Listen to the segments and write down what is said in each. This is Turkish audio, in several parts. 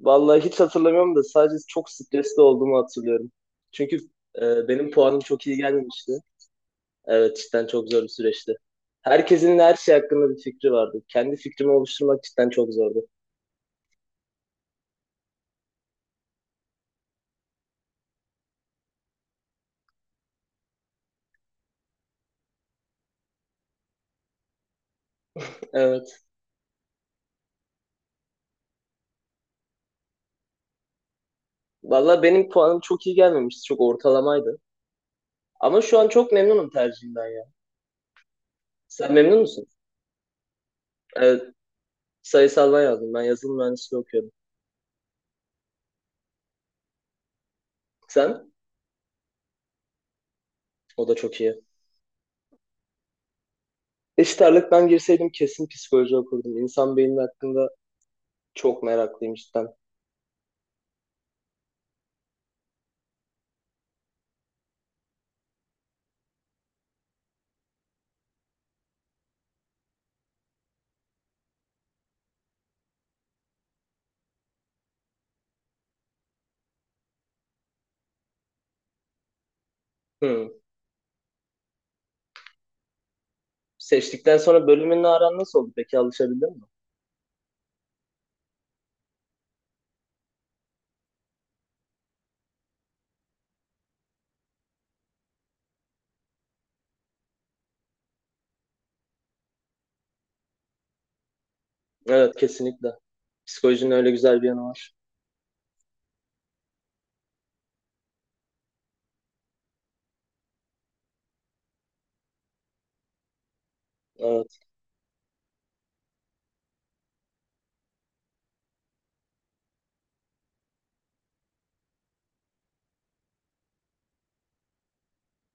Vallahi hiç hatırlamıyorum da sadece çok stresli olduğumu hatırlıyorum. Çünkü benim puanım çok iyi gelmemişti. Evet cidden çok zor bir süreçti. Herkesin her şey hakkında bir fikri vardı. Kendi fikrimi oluşturmak cidden çok zordu. Evet. Vallahi benim puanım çok iyi gelmemişti. Çok ortalamaydı. Ama şu an çok memnunum tercihimden ya. Sen memnun musun? Evet. Sayısaldan yazdım. Ben yazılım mühendisliği okuyorum. Sen? O da çok iyi. Eşit ağırlık ben girseydim kesin psikoloji okurdum. İnsan beyni hakkında çok meraklıyım cidden. Hmm. Seçtikten sonra bölümünle aran nasıl oldu peki, alışabildin mi? Evet, kesinlikle. Psikolojinin öyle güzel bir yanı var. Evet.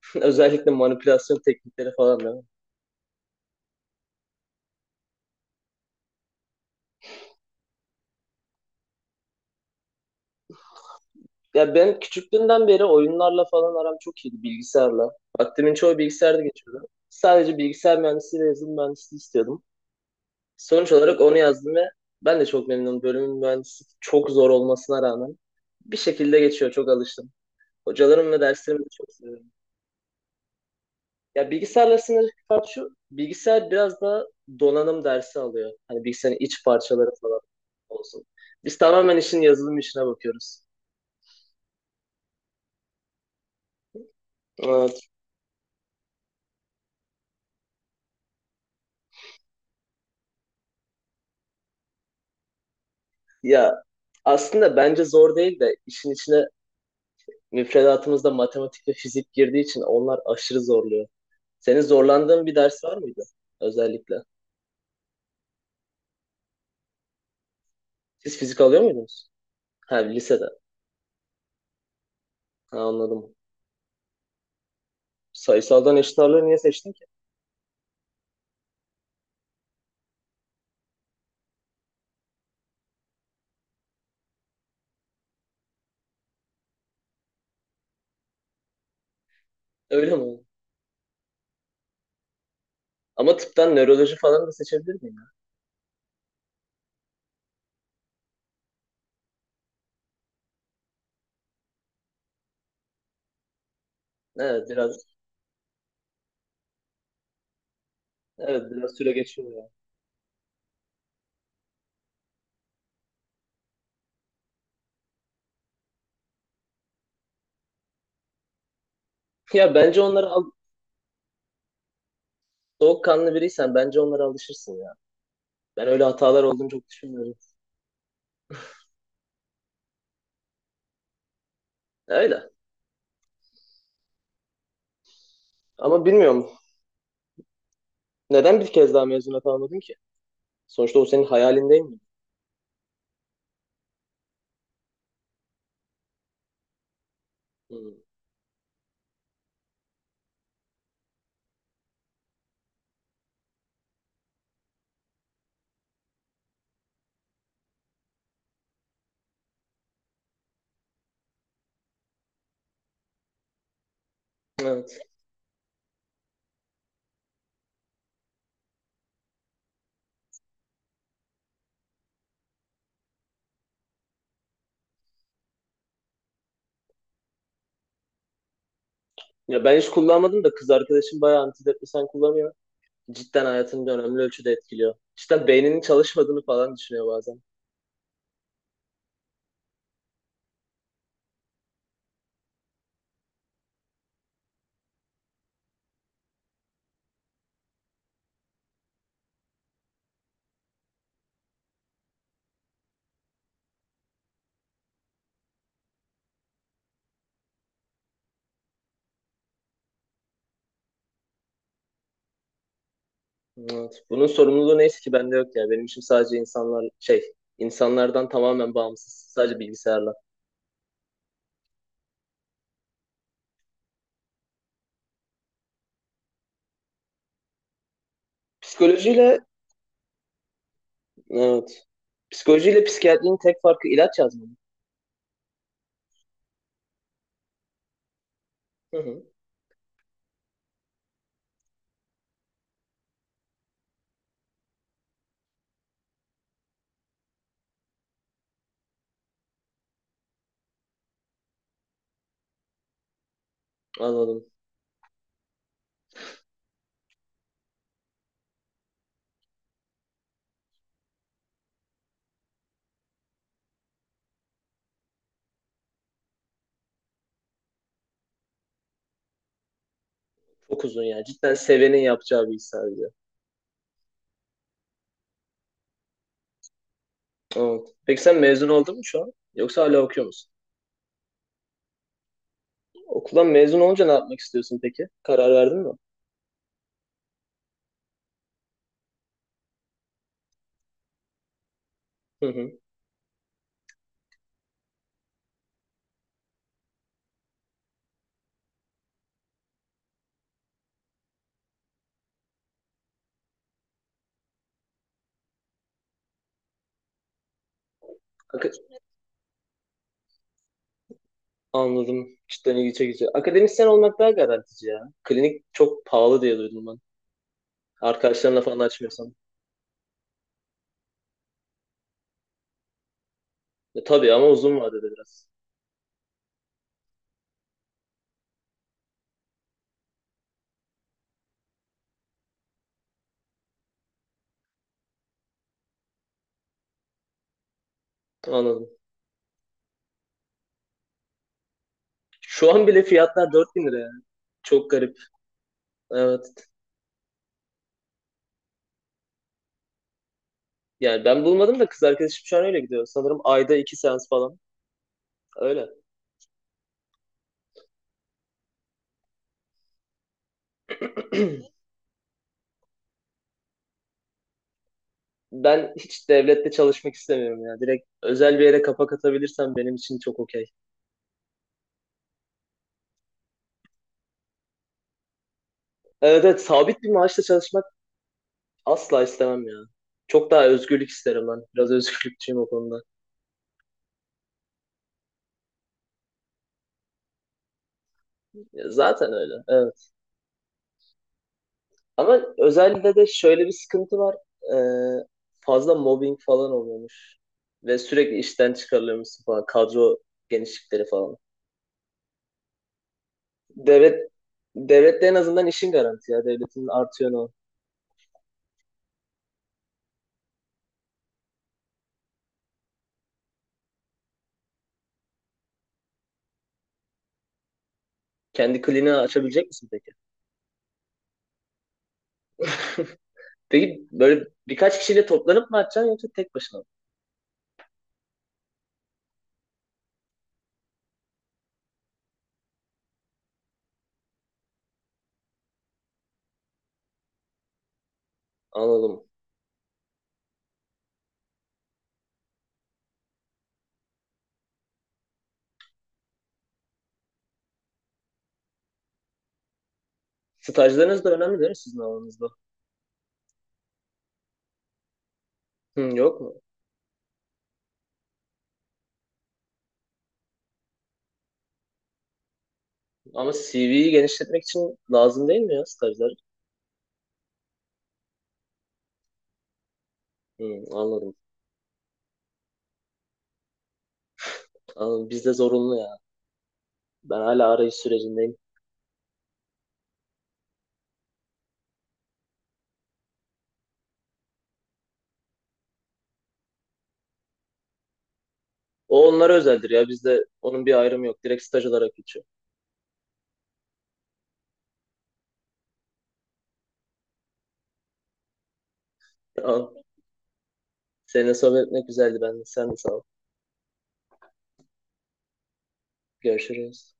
Özellikle manipülasyon teknikleri falan, değil mi? Ya ben küçüklüğümden beri oyunlarla falan aram çok iyiydi, bilgisayarla. Vaktimin çoğu bilgisayarda geçiyordu. Sadece bilgisayar mühendisliği ve yazılım mühendisliği istiyordum. Sonuç olarak onu yazdım ve ben de çok memnunum. Bölümün mühendisliği çok zor olmasına rağmen bir şekilde geçiyor. Çok alıştım. Hocalarım ve derslerimi de çok seviyorum. Ya bilgisayarla sınırlı fark şu, bilgisayar biraz daha donanım dersi alıyor. Hani bilgisayarın iç parçaları falan olsun. Biz tamamen işin yazılım işine bakıyoruz. Evet. Ya aslında bence zor değil de işin içine, müfredatımızda matematik ve fizik girdiği için onlar aşırı zorluyor. Senin zorlandığın bir ders var mıydı özellikle? Siz fizik alıyor muydunuz? Ha, lisede. Ha, anladım. Sayısaldan eşit ağırlığı niye seçtin ki? Öyle mi? Ama tıptan nöroloji falan da seçebilir miyim? Ya? Evet, biraz. Evet, biraz süre geçiyor ya. Ya bence onlara al, soğukkanlı biriysen bence onlara alışırsın ya. Ben öyle hatalar olduğunu çok düşünmüyorum. Öyle. Ama bilmiyorum. Neden bir kez daha mezuna kalmadın ki? Sonuçta o senin hayalin, değil mi? Hmm. Evet. Ya ben hiç kullanmadım da kız arkadaşım bayağı antidepresan kullanıyor. Cidden hayatını da önemli ölçüde etkiliyor. Cidden beyninin çalışmadığını falan düşünüyor bazen. Evet. Bunun sorumluluğu neyse ki bende yok ya. Benim işim sadece insanlar şey, insanlardan tamamen bağımsız. Sadece bilgisayarla. Psikolojiyle. Evet. Psikolojiyle psikiyatrinin tek farkı ilaç yazmamak. Hı hı. Anladım. Çok uzun yani. Cidden sevenin yapacağı bir iş sadece. Evet. Peki sen mezun oldun mu şu an? Yoksa hala okuyor musun? Okuldan mezun olunca ne yapmak istiyorsun peki? Karar verdin mi? Hı hı. Ak- Anladım. Cidden ilgi çekici. Akademisyen olmak daha garantici ya. Klinik çok pahalı diye duydum ben. Arkadaşlarınla falan açmıyorsan. E, tabii ama uzun vadede biraz. Anladım. Şu an bile fiyatlar 4.000 lira yani. Çok garip. Evet. Yani ben bulmadım da kız arkadaşım şu an öyle gidiyor. Sanırım ayda iki seans falan. Öyle. Ben hiç devlette çalışmak istemiyorum ya. Direkt özel bir yere kapak atabilirsem benim için çok okey. Evet, evet, sabit bir maaşla çalışmak asla istemem ya. Çok daha özgürlük isterim ben. Biraz özgürlükçüyüm o konuda. Ya zaten öyle. Evet. Ama özelde de şöyle bir sıkıntı var. Ee, fazla mobbing falan oluyormuş. Ve sürekli işten çıkarılıyormuşsun falan. Kadro genişlikleri falan. Devlet devlette en azından işin garanti ya. Devletin artıyor o. Kendi kliniği açabilecek misin peki? Peki böyle birkaç kişiyle toplanıp mı açacaksın yoksa tek başına mı? Anladım. Stajlarınız da önemli değil mi sizin alanınızda? Hı, yok mu? Ama CV'yi genişletmek için lazım değil mi ya, stajlar? Hı, anladım. Anladım. Bizde zorunlu ya. Ben hala arayış sürecindeyim. O onlara özeldir ya. Bizde onun bir ayrımı yok. Direkt staj olarak geçiyor. Tamam. Seninle sohbet etmek güzeldi. Ben de. Sen de sağ ol. Görüşürüz.